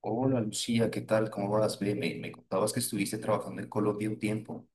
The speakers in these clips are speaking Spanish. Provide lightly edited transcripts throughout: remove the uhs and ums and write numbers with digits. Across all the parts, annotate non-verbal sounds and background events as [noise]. Hola Lucía, ¿qué tal? ¿Cómo vas? Bien, me contabas que estuviste trabajando en Colombia un tiempo.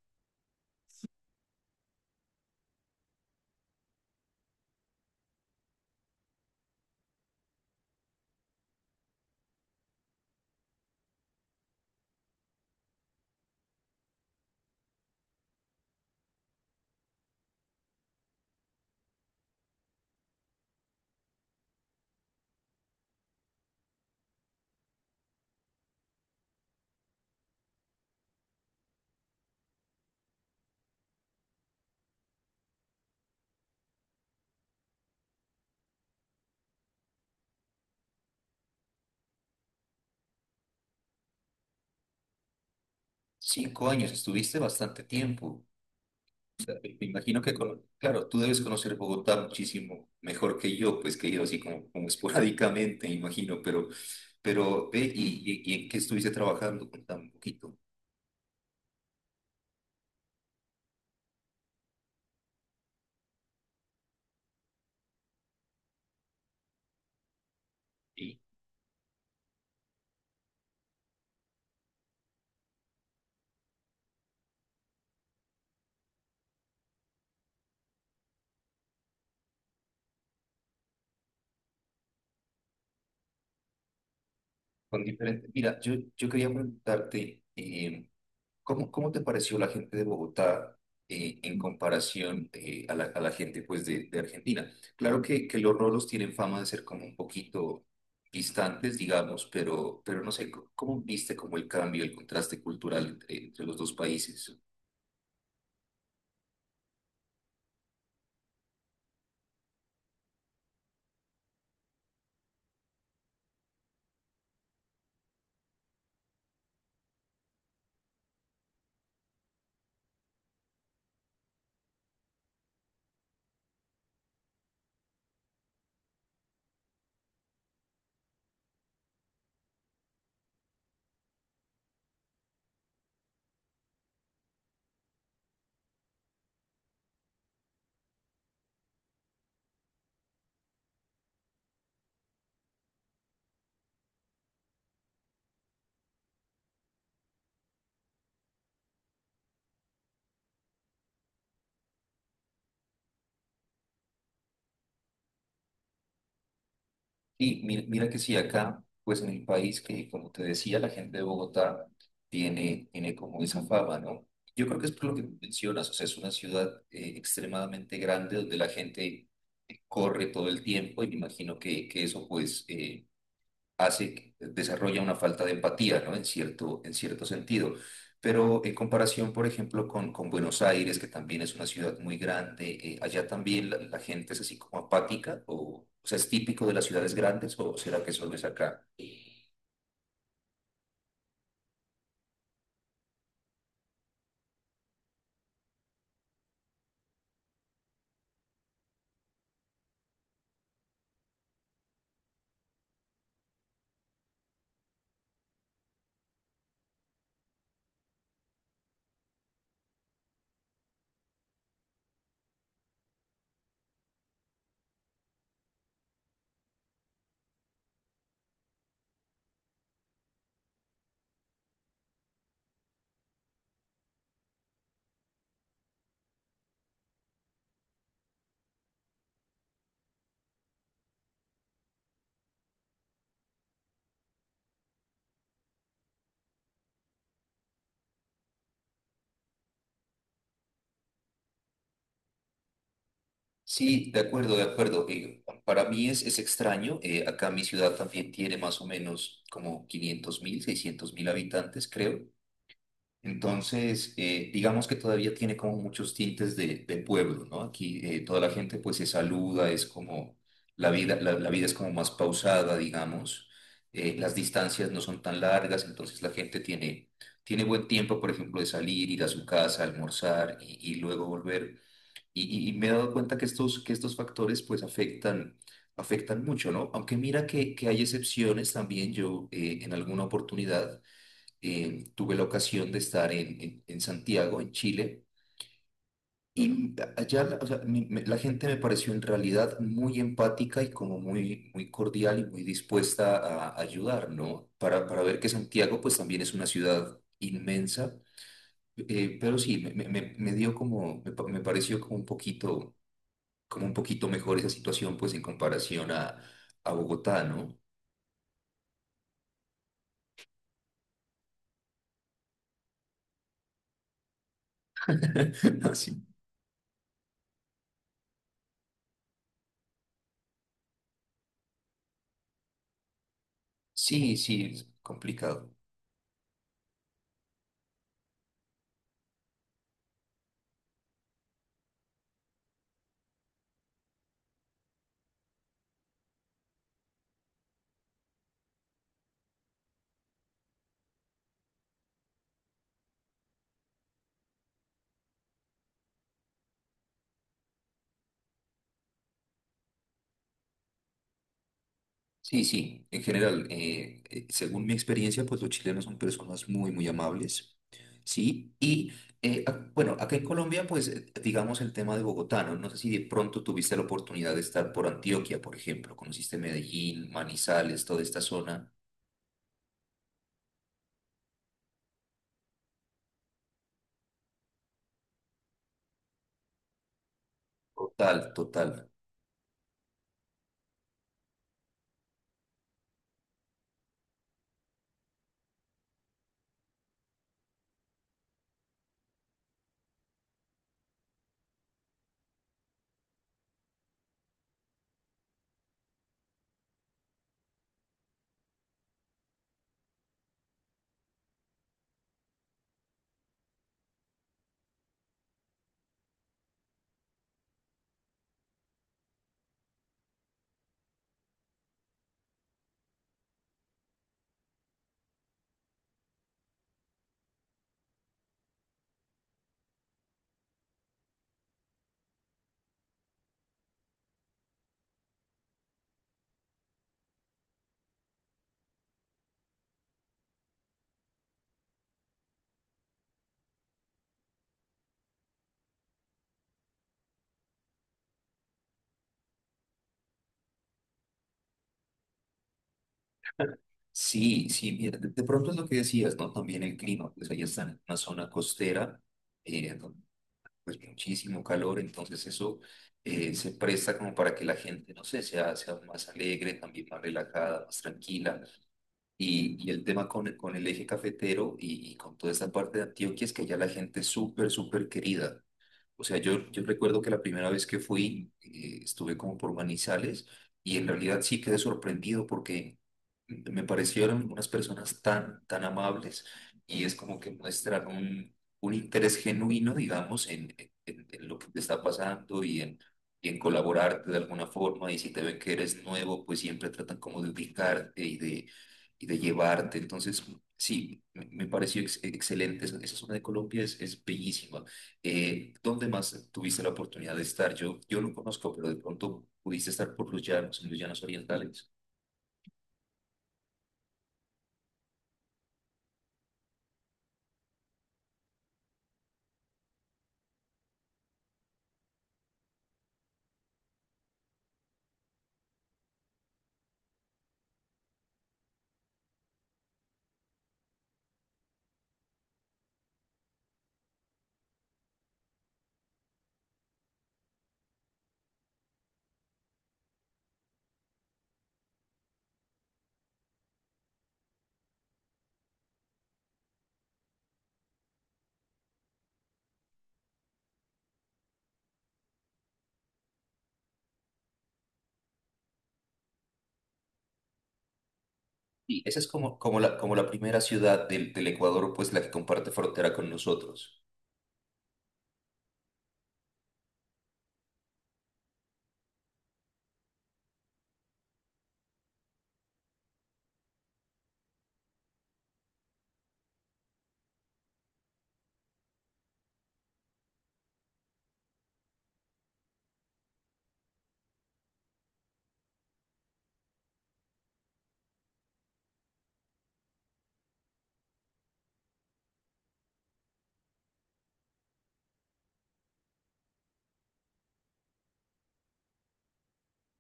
5 años, estuviste bastante tiempo. O sea, me imagino que, claro, tú debes conocer Bogotá muchísimo mejor que yo, pues que he ido así como esporádicamente, me imagino, pero ve, y, ¿en qué estuviste trabajando? Contame un poquito. Y con diferente, mira, yo quería preguntarte, ¿Cómo te pareció la gente de Bogotá en comparación a la gente pues, de Argentina? Claro que los rolos tienen fama de ser como un poquito distantes, digamos, pero no sé, ¿cómo viste como el cambio, el contraste cultural entre los dos países? Y mira, que sí, acá, pues en el país, que como te decía, la gente de Bogotá tiene como esa fama, ¿no? Yo creo que es por lo que mencionas, o sea, es una ciudad extremadamente grande donde la gente corre todo el tiempo y me imagino que eso pues hace, desarrolla una falta de empatía, ¿no? En cierto sentido. Pero en comparación, por ejemplo, con Buenos Aires, que también es una ciudad muy grande, allá también la gente es así como apática, o sea, es típico de las ciudades grandes, ¿o será que solo es acá? Sí, de acuerdo, de acuerdo. Para mí es extraño. Acá mi ciudad también tiene más o menos como 500.000, 600.000 habitantes, creo. Entonces, digamos que todavía tiene como muchos tintes de pueblo, ¿no? Aquí toda la gente pues se saluda, es como la vida, la vida es como más pausada, digamos. Las distancias no son tan largas, entonces la gente tiene buen tiempo, por ejemplo, de salir, ir a su casa, almorzar y luego volver. Y, y me he dado cuenta que estos factores pues afectan mucho, ¿no? Aunque mira que hay excepciones también, yo en alguna oportunidad tuve la ocasión de estar en Santiago, en Chile, y allá la o sea, la gente me pareció en realidad muy empática y como muy, muy cordial y muy dispuesta a ayudar, ¿no? Para ver que Santiago pues también es una ciudad inmensa, pero sí, me dio me pareció como un poquito mejor esa situación pues en comparación a Bogotá, ¿no? [laughs] Así. Sí, sí, es complicado. Sí, sí, en general, según mi experiencia, pues los chilenos son personas muy, muy amables, ¿sí? Y bueno, acá en Colombia, pues digamos el tema de Bogotá, ¿no? No sé si de pronto tuviste la oportunidad de estar por Antioquia, por ejemplo, conociste Medellín, Manizales, toda esta zona. Total, total. Sí, sí, mira, de pronto es lo que decías, ¿no? También el clima, pues ahí está en una zona costera, eh, pues muchísimo calor, entonces eso se presta como para que la gente, no sé, sea más alegre, también más relajada, más tranquila. Y el tema con el eje cafetero y con toda esta parte de Antioquia es que ya la gente es súper, súper querida. O sea, yo recuerdo que la primera vez que fui, estuve como por Manizales y en realidad sí quedé sorprendido porque me parecieron unas personas tan, tan amables y es como que muestran un interés genuino, digamos, en lo que te está pasando y en colaborarte de alguna forma y si te ven que eres nuevo, pues siempre tratan como de ubicarte y de llevarte. Entonces, sí, me pareció excelente. Esa zona de Colombia es bellísima. ¿Dónde más tuviste la oportunidad de estar? Yo lo conozco, pero de pronto pudiste estar por los llanos, en los llanos orientales. Y esa es como la primera ciudad del Ecuador, pues la que comparte frontera con nosotros.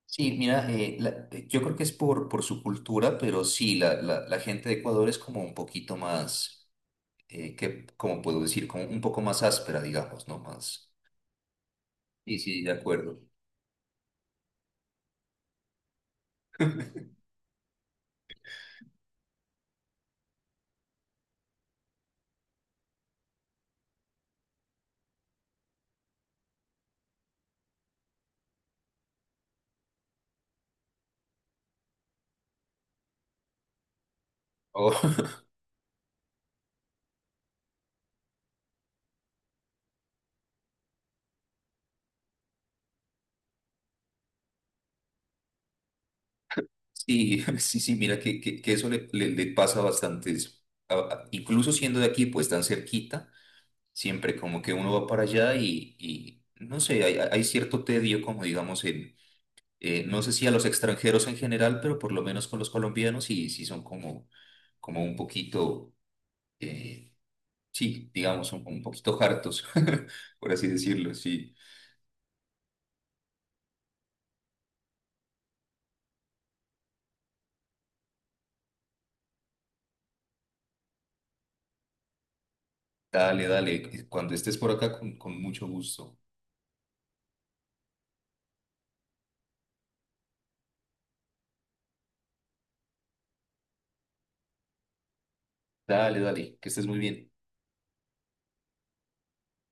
Sí, mira, yo creo que es por su cultura, pero sí, la gente de Ecuador es como un poquito más, ¿cómo puedo decir? Como un poco más áspera, digamos, ¿no? Más. Sí, sí, de acuerdo. [laughs] Sí, [laughs] sí, sí, mira que eso le pasa bastante. Incluso siendo de aquí, pues tan cerquita, siempre como que uno va para allá y no sé, hay cierto tedio, como digamos, no sé si a los extranjeros en general, pero por lo menos con los colombianos sí, sí son como un poquito, eh, sí, digamos, un poquito hartos, [laughs] por así decirlo, sí. Dale, dale, cuando estés por acá con mucho gusto. Dale, dale, que estés muy bien.